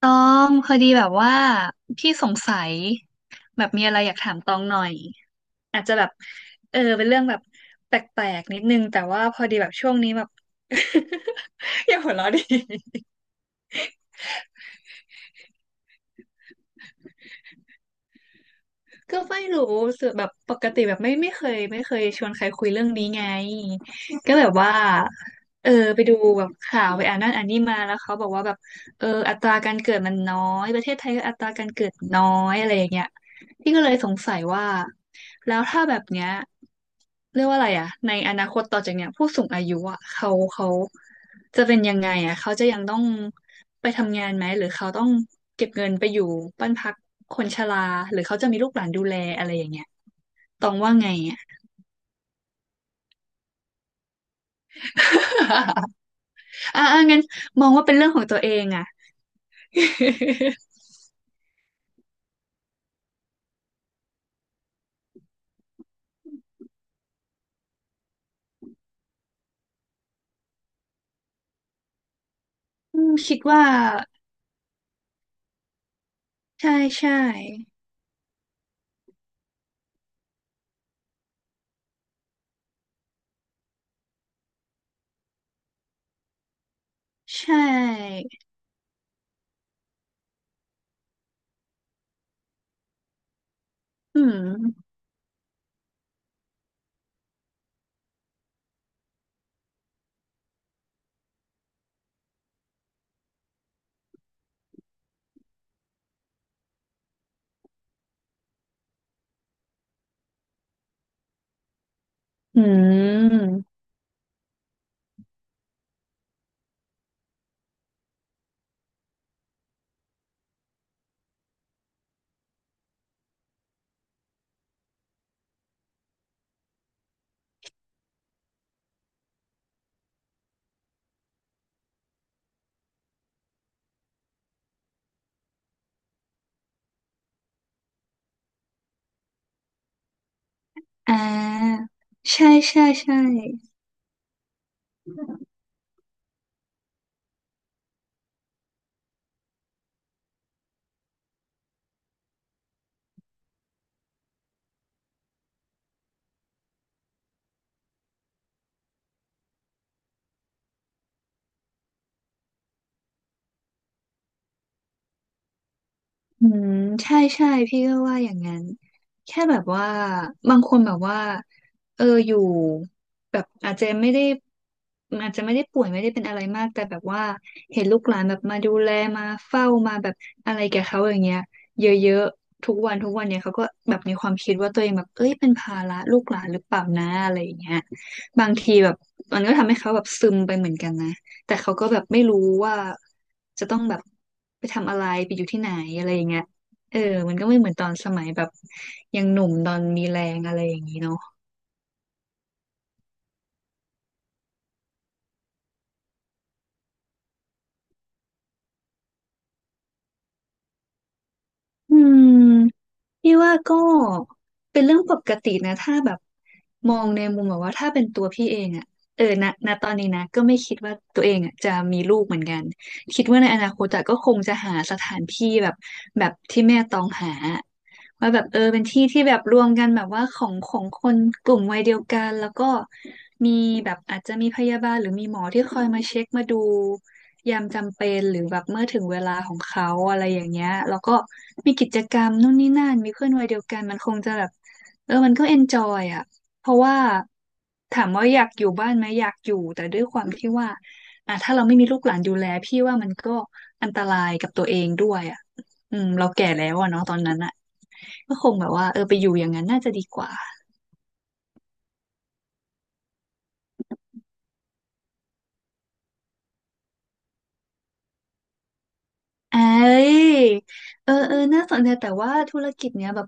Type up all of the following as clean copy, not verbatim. ตองพอดีแบบว่าพี่สงสัยแบบมีอะไรอยากถามตองหน่อยอาจจะแบบเออเป็นเรื่องแบบแปลกๆนิดนึงแต่ว่าพอดีแบบช่วงนี้แบบ อย่าหัวเราะดิก็ไม่รู้รู้สึกแบบปกติแบบไม่เคยชวนใครคุยเรื่องนี้ไงก็แบบว่าเออไปดูแบบข่าวไปอ่านนั่นอ่านนี่มาแล้วเขาบอกว่าแบบเอออัตราการเกิดมันน้อยประเทศไทยก็อัตราการเกิดน้อยอะไรอย่างเงี้ย พี่ก็เลยสงสัยว่าแล้วถ้าแบบเนี้ยเรียกว่าอะไรอะในอนาคตต่อจากเนี้ยผู้สูงอายุอะเขาจะเป็นยังไงอะเขาจะยังต้องไปทำงานไหมหรือเขาต้องเก็บเงินไปอยู่บ้านพักคนชราหรือเขาจะมีลูกหลานดูแลอะไรอย่างเงี้ยตองว่าไงอะ อ่ะอ่ะงั้นมองว่าเป็นเรื่องของตัวเองอะ อืมคิดว่าใช่ใช่ใช่อืมอืม อ่าใช่ใช่ใช่อืมใช่ใช่พี่ก็ว่าอย่างนั้นแค่แบบว่าบางคนแบบว่าเอออยู่แบบอาจจะไม่ได้ป่วยไม่ได้เป็นอะไรมากแต่แบบว่าเห็นลูกหลานแบบมาดูแลมาเฝ้ามาแบบอะไรแกบเขาอย่างเงี้ยเยอะๆทุกวันเนี่ยเขาก็แบบมีความคิดว่าตัวเองแบบเอ้ยเป็นภาระลูกหลานหรือเปล่านะอะไรอย่างเงี้ยบางทีแบบมันก็ทำให้เขาแบบซึมไปเหมือนกันนะ แต่เขาก็แบบไม่รู้ว่าจะต้องแบบไปทำอะไรไปอยู่ที่ไหนอะไรอย่างเงี้ยเออมันก็ไม่เหมือนตอนสมัยแบบยังหนุ่มตอนมีแรงอะไรอย่างนี้เนาะอืมพี่ว่าก็เป็นเรื่องปกตินะถ้าแบบมองในมุมแบบว่าถ้าเป็นตัวพี่เองอะเออณตอนนี้นะก็ไม่คิดว่าตัวเองอะจะมีลูกเหมือนกันคิดว่าในอนาคตอะก็คงจะหาสถานที่แบบที่แม่ต้องหา ว่าแบบเออเป็นที่ที่แบบรวมกันแบบว่าของคนกลุ่มวัยเดียวกันแล้วก็มีแบบอาจจะมีพยาบาลหรือมีหมอที่คอยมาเช็คมาดูยามจำเป็นหรือแบบเมื่อถึงเวลาของเขาอะไรอย่างเงี้ยแล้วก็มีกิจกรรมนู่นนี่นั่นมีเพื่อนวัยเดียวกันมันคงจะแบบเออมันก็เอนจอยอ่ะเพราะว่าถามว่าอยากอยู่บ้านไหมอยากอยู่แต่ด้วยความที่ว่าอ่ะถ้าเราไม่มีลูกหลานดูแลพี่ว่ามันก็อันตรายกับตัวเองด้วยอ่ะ อืมเราแก่แล้วอะเนาะตอนนั้นอะก็คงแบบว่าเออไปอยู่อย่างนั้นน่าจะดีกว่าเอ้ยเออเออน่าสนใจแต่ว่าธุรกิจเนี้ยแบบ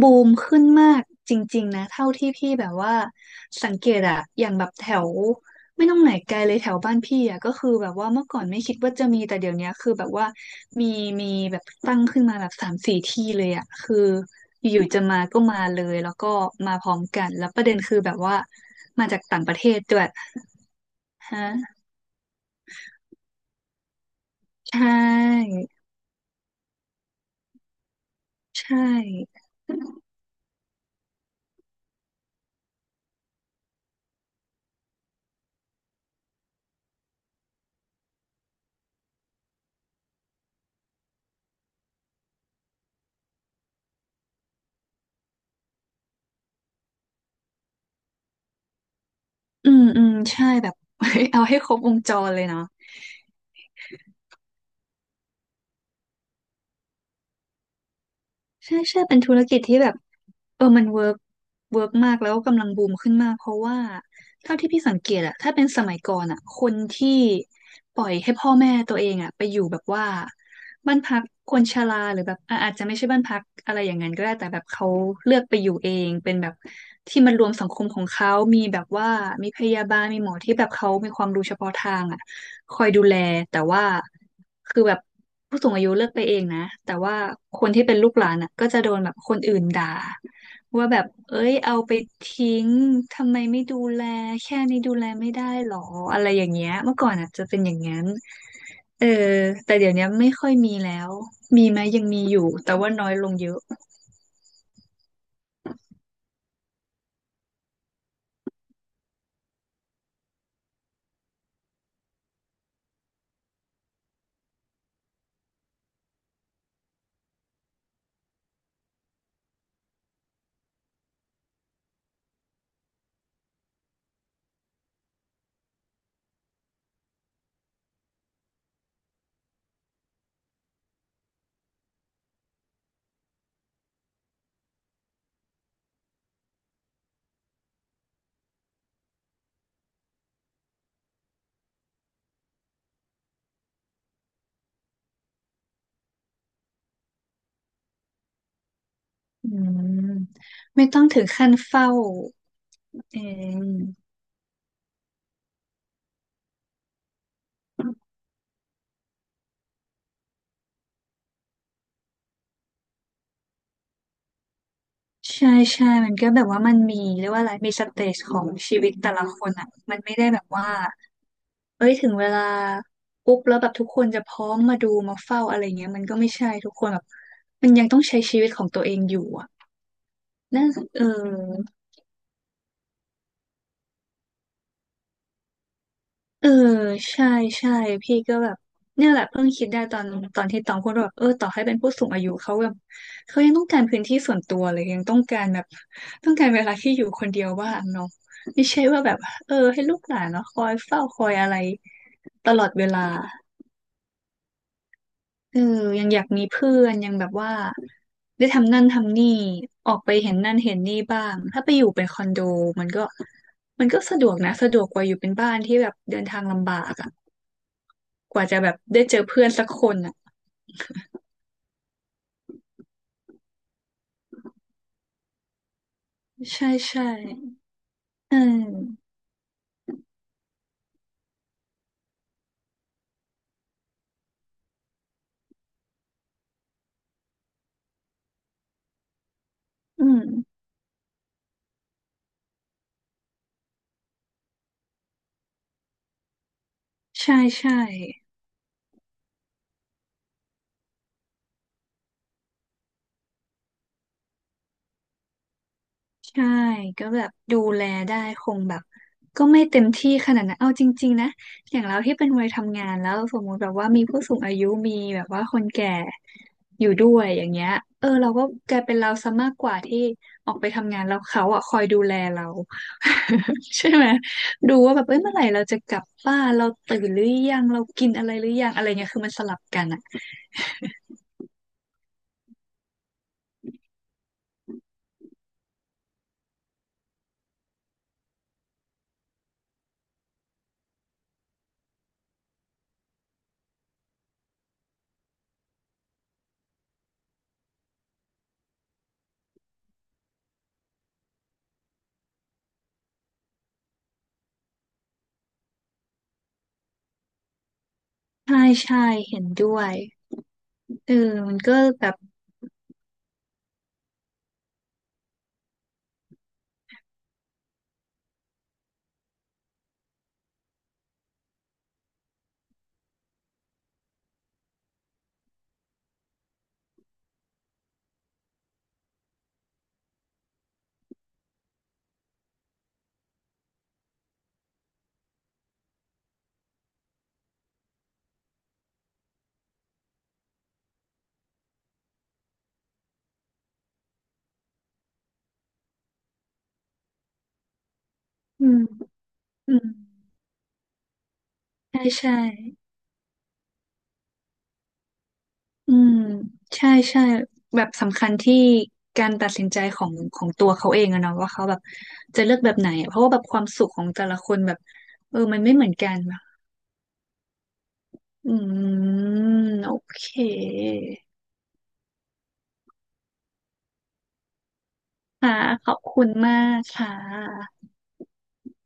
บูมขึ้นมากจริงๆนะเท่าที่พี่แบบว่าสังเกตอะอย่างแบบแถวไม่ต้องไหนไกลเลยแถวบ้านพี่อะก็คือแบบว่าเมื่อก่อนไม่คิดว่าจะมีแต่เดี๋ยวเนี้ยคือแบบว่ามีมีแบบตั้งขึ้นมาแบบสามสี่ที่เลยอะคืออยู่ๆจะมาก็มาเลยแล้วก็มาพร้อมกันแล้วประเด็นคือแบบว่ามาจากต่างประเทศด้วย ฮะใช่ใช่อืมอืมใช่แบบ เอาให้ครบวงจรเลยเนาะ ใช่ใช่เป็นธุรกิจที่แบบเออมันเวิร์กมากแล้วกำลังบูมขึ้นมากเพราะว่าเท่าที่พี่สังเกตอะถ้าเป็นสมัยก่อนอะคนที่ปล่อยให้พ่อแม่ตัวเองอะไปอยู่แบบว่าบ้านพักคนชราหรือแบบอ่ะอาจจะไม่ใช่บ้านพักอะไรอย่างนั้นก็ได้แต่แบบเขาเลือกไปอยู่เองเป็นแบบที่มันรวมสังคมของเขา มีแบบว่ามีพยาบาลมีหมอที่แบบเขามีความรู้เฉพาะทางอะ คอยดูแลแต่ว่าคือแบบผู้สูงอายุเลิกไปเองนะแต่ว่าคนที่เป็นลูกหลานอ่ะก็จะโดนแบบคนอื่นด่าว่าแบบเอ้ยเอาไปทิ้งทำไมไม่ดูแลแค่นี้ดูแลไม่ได้หรออะไรอย่างเงี้ยเมื่อก่อนอ่ะจะเป็นอย่างนั้นเออแต่เดี๋ยวนี้ไม่ค่อยมีแล้วมีไหมยังมีอยู่แต่ว่าน้อยลงเยอะอืมไม่ต้องถึงขั้นเฝ้าเอง ใช่ใช่ มันก็แบบว่ามันมีเรียกว่าอะไรมีสเตจของชีวิตแต่ละคนอ่ะ มันไม่ได้แบบว่า เอ้ยถึงเวลาปุ๊บแล้วแบบทุกคนจะพร้อมมาดูมาเฝ้าอะไรเงี้ยมันก็ไม่ใช่ทุกคนแบบมันยังต้องใช้ชีวิตของตัวเองอยู่อ่ะนั่นเออ เออใช่ใช่พี่ก็แบบเนี่ยแหละเพิ่งคิดได้ตอนที่ตองพูดว่าแบบเออต่อให้เป็นผู้สูงอายุเขาแบบเขายังต้องการพื้นที่ส่วนตัวเลยยังต้องการแบบต้องการเวลาที่อยู่คนเดียวบ้างเนาะไม่ใช่ว่าแบบเออให้ลูกหลานเนาะคอยเฝ้าคอยอะไรตลอดเวลาเออยังอยากมีเพื่อนยังแบบว่าได้ทำนั่นทำนี่ออกไปเห็นนั่นเห็นนี่บ้างถ้าไปอยู่เป็นคอนโดมันก็มันก็สะดวกนะสะดวกกว่าอยู่เป็นบ้านที่แบบเดินทางลำบากอะ กว่าจะแบบได้เจอเพื่อนสักคนอ่ะใช่ใช่อืมอืมใช่ใช่ ใช่ก็แบบดูแลได้คงแบบก็ไม่เต็มที่ขนาดนั้นเอาจริงๆนะอย่างเราที่เป็นวัยทำงานแล้วสมมุติแบบว่ามีผู้สูงอายุมีแบบว่าคนแก่อยู่ด้วยอย่างเงี้ยเออเราก็กลายเป็นเราซะมากกว่าที่ออกไปทำงานแล้วเขาอ่ะคอยดูแลเรา ใช่ไหมดูว่าแบบเอ้ยเมื่อไหร่เราจะกลับบ้านเราตื่นหรือยังเรากินอะไรหรือยังอะไรเงี้ยคือมันสลับกันอ่ะใช่ใช่เห็นด้วยเออมันก็แบบอืมอืมใช่ใช่ อืมใช่ใช่แบบสำคัญที่การตัดสินใจของตัวเขาเองอะเนาะว่าเขาแบบจะเลือกแบบไหนอะเพราะว่าแบบความสุขของแต่ละคนแบบเออมันไม่เหมือนกันอะอืมโอเคค่ะขอบคุณมากค่ะ